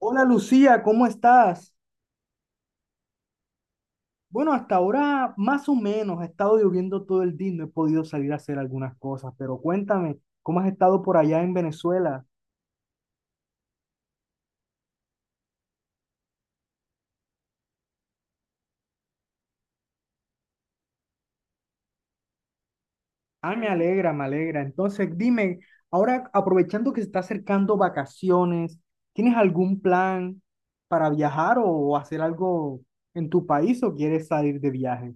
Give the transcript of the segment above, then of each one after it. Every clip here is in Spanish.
Hola Lucía, ¿cómo estás? Bueno, hasta ahora más o menos ha estado lloviendo todo el día, y no he podido salir a hacer algunas cosas, pero cuéntame, ¿cómo has estado por allá en Venezuela? Ah, me alegra, me alegra. Entonces, dime, ahora aprovechando que se está acercando vacaciones, ¿tienes algún plan para viajar o hacer algo en tu país o quieres salir de viaje?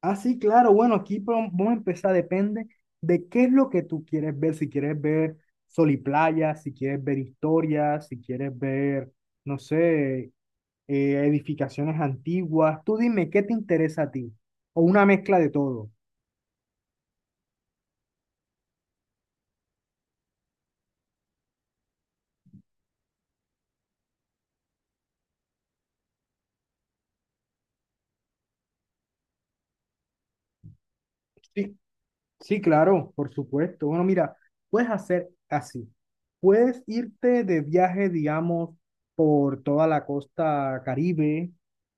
Ah, sí, claro. Bueno, aquí vamos a empezar. Depende de qué es lo que tú quieres ver. Si quieres ver sol y playa, si quieres ver historias, si quieres ver, no sé, edificaciones antiguas. Tú dime, ¿qué te interesa a ti? O una mezcla de todo. Sí, sí, claro, por supuesto. Bueno, mira, puedes hacer así. Puedes irte de viaje, digamos, por toda la costa Caribe,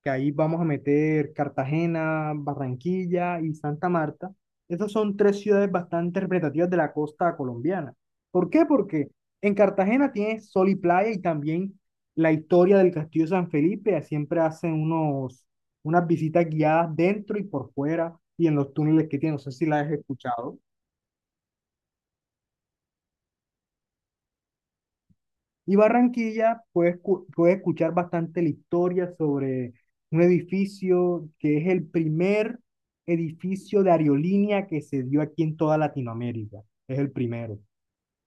que ahí vamos a meter Cartagena, Barranquilla y Santa Marta. Esas son tres ciudades bastante representativas de la costa colombiana. ¿Por qué? Porque en Cartagena tienes sol y playa y también la historia del Castillo de San Felipe. Siempre hacen unos unas visitas guiadas dentro y por fuera y en los túneles que tiene. No sé si la has escuchado. Y Barranquilla, puedes, puedes escuchar bastante la historia sobre un edificio que es el primer edificio de aerolínea que se dio aquí en toda Latinoamérica. Es el primero.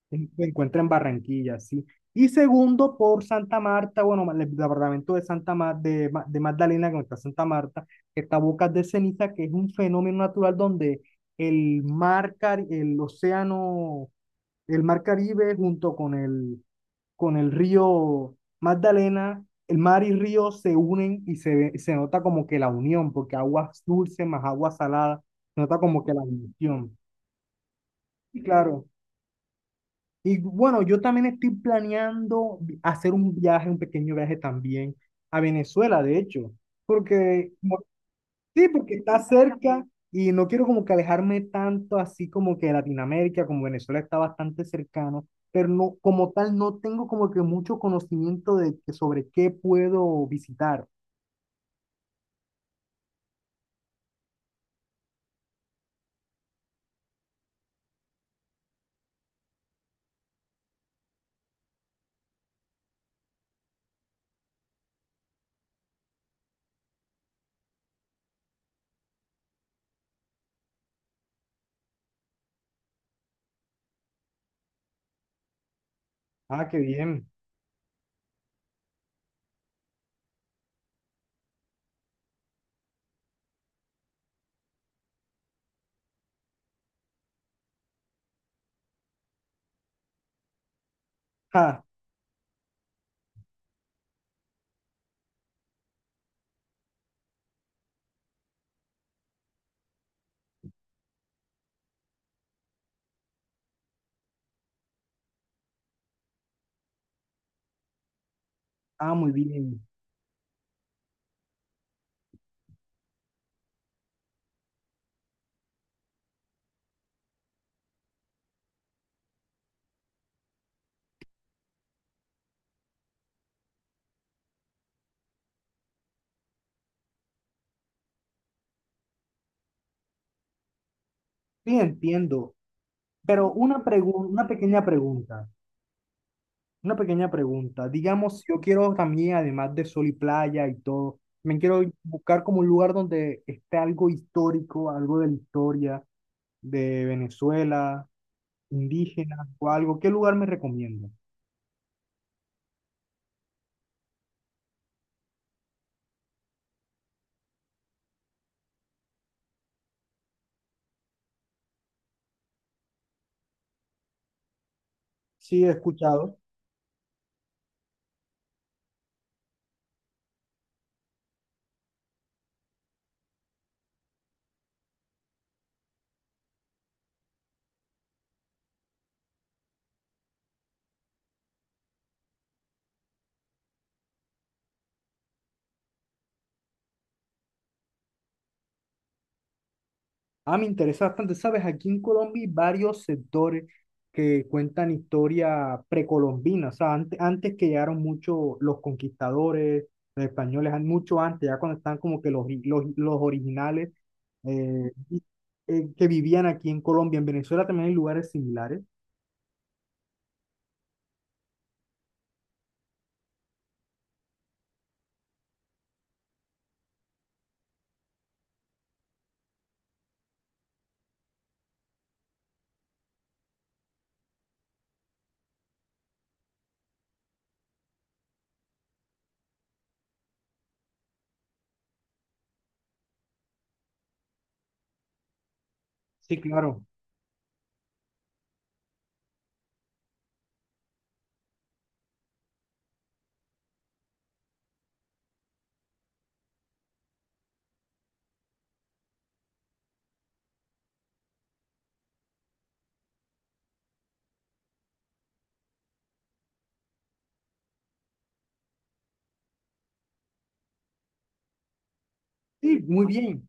Se encuentra en Barranquilla, sí. Y segundo, por Santa Marta, bueno, el departamento de Santa Ma- de Magdalena, que no está Santa Marta, que está Bocas de Ceniza, que es un fenómeno natural donde el océano, el mar Caribe junto con con el río Magdalena, el mar y río se unen y se nota como que la unión, porque aguas dulces más agua salada, se nota como que la unión. Y claro. Y bueno, yo también estoy planeando hacer un viaje, un pequeño viaje también a Venezuela, de hecho, porque como- sí, porque está cerca y no quiero como que alejarme tanto así como que de Latinoamérica, como Venezuela está bastante cercano, pero no, como tal no tengo como que mucho conocimiento de que sobre qué puedo visitar. Ah, qué bien. Ah, ah, muy bien. Sí, entiendo. Pero una pregunta, una pequeña pregunta. Una pequeña pregunta. Digamos, si yo quiero también, además de sol y playa y todo, me quiero buscar como un lugar donde esté algo histórico, algo de la historia de Venezuela, indígena o algo. ¿Qué lugar me recomienda? Sí, he escuchado. Ah, me interesa bastante, ¿sabes? Aquí en Colombia hay varios sectores que cuentan historia precolombina, o sea, antes, antes que llegaron muchos los conquistadores, los españoles, mucho antes, ya cuando están como que los originales eh, y- que vivían aquí en Colombia, en Venezuela también hay lugares similares. Sí, claro. Sí, muy bien.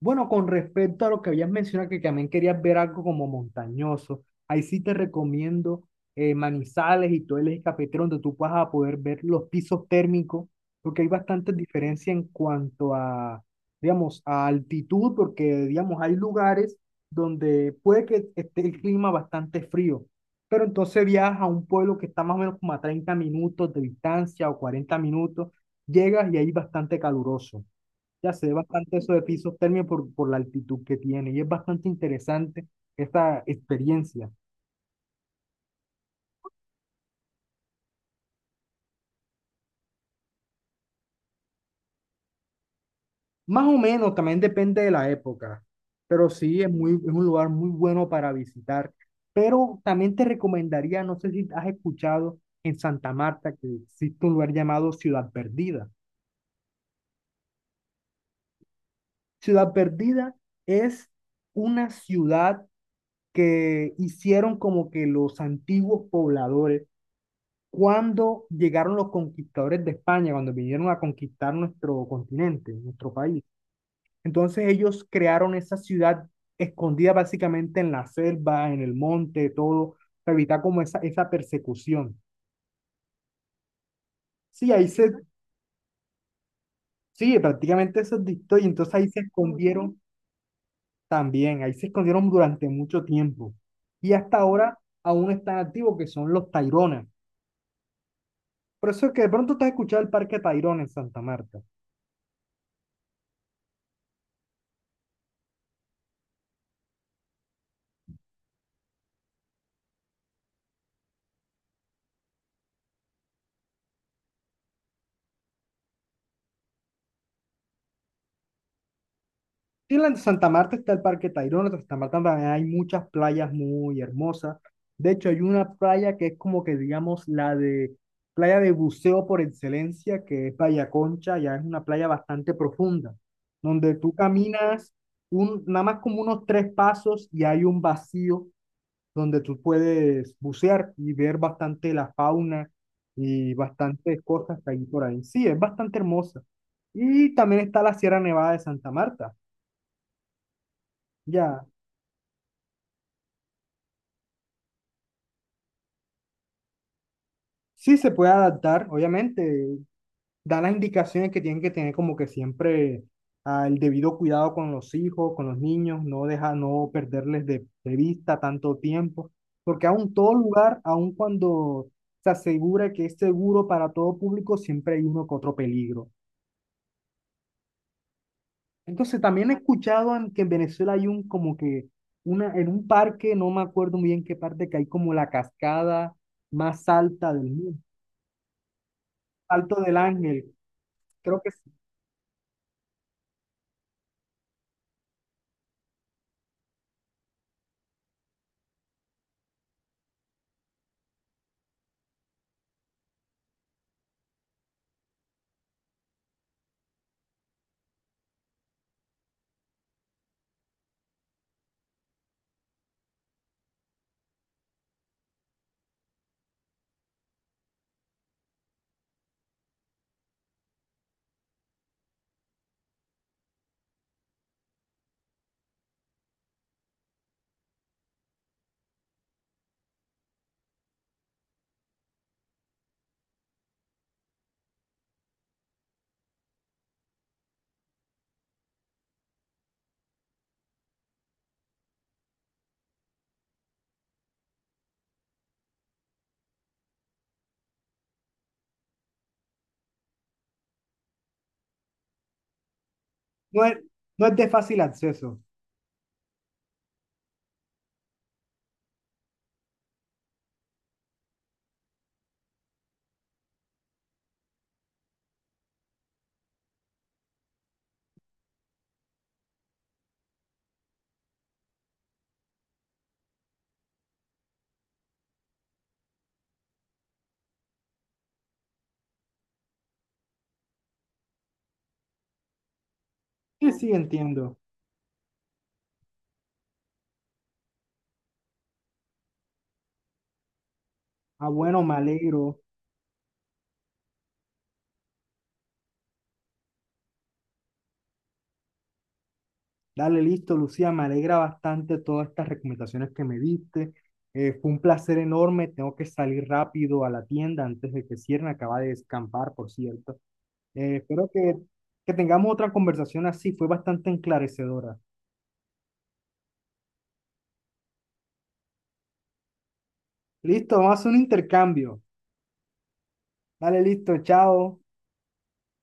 Bueno, con respecto a lo que habías mencionado, que también querías ver algo como montañoso, ahí sí te recomiendo Manizales y todo el eje cafetero, donde tú vas a poder ver los pisos térmicos, porque hay bastante diferencia en cuanto a, digamos, a altitud, porque, digamos, hay lugares donde puede que esté el clima bastante frío, pero entonces viajas a un pueblo que está más o menos como a 30 minutos de distancia o 40 minutos, llegas y ahí bastante caluroso. Ya se ve bastante eso de pisos térmicos por la altitud que tiene y es bastante interesante esta experiencia. Más o menos, también depende de la época, pero sí es muy, es un lugar muy bueno para visitar. Pero también te recomendaría, no sé si has escuchado en Santa Marta que existe un lugar llamado Ciudad Perdida. Ciudad Perdida es una ciudad que hicieron como que los antiguos pobladores cuando llegaron los conquistadores de España, cuando vinieron a conquistar nuestro continente, nuestro país. Entonces ellos crearon esa ciudad escondida básicamente en la selva, en el monte, todo, para evitar como esa persecución. Sí, ahí se, sí, prácticamente eso es de historia. Entonces ahí se escondieron también, ahí se escondieron durante mucho tiempo. Y hasta ahora aún están activos, que son los Taironas. Por eso es que de pronto te has escuchado el Parque Tayrona en Santa Marta. Sí, en la Santa Marta está el Parque Tayrona, en Santa Marta también hay muchas playas muy hermosas. De hecho, hay una playa que es como que, digamos, la de playa de buceo por excelencia, que es Playa Concha, ya es una playa bastante profunda, donde tú caminas un, nada más como unos tres pasos y hay un vacío donde tú puedes bucear y ver bastante la fauna y bastantes cosas que hay por ahí. Sí, es bastante hermosa. Y también está la Sierra Nevada de Santa Marta. Ya, sí, se puede adaptar, obviamente. Da las indicaciones que tienen que tener como que siempre el debido cuidado con los hijos, con los niños, no deja, no perderles de vista tanto tiempo, porque aún todo lugar, aun cuando se asegura que es seguro para todo público, siempre hay uno que otro peligro. Entonces también he escuchado en, que en Venezuela hay un como que una, en un parque, no me acuerdo muy bien qué parte, que hay como la cascada más alta del mundo, Alto del Ángel. Creo que no es, no es de fácil acceso. Sí, sí, entiendo. Ah, bueno, me alegro. Dale, listo, Lucía, me alegra bastante todas estas recomendaciones que me diste. Fue un placer enorme. Tengo que salir rápido a la tienda antes de que cierren. Acaba de descampar, por cierto. Eh, espero que, que tengamos otra conversación así. Fue bastante enclarecedora. Listo, vamos a hacer un intercambio. Dale, listo, chao.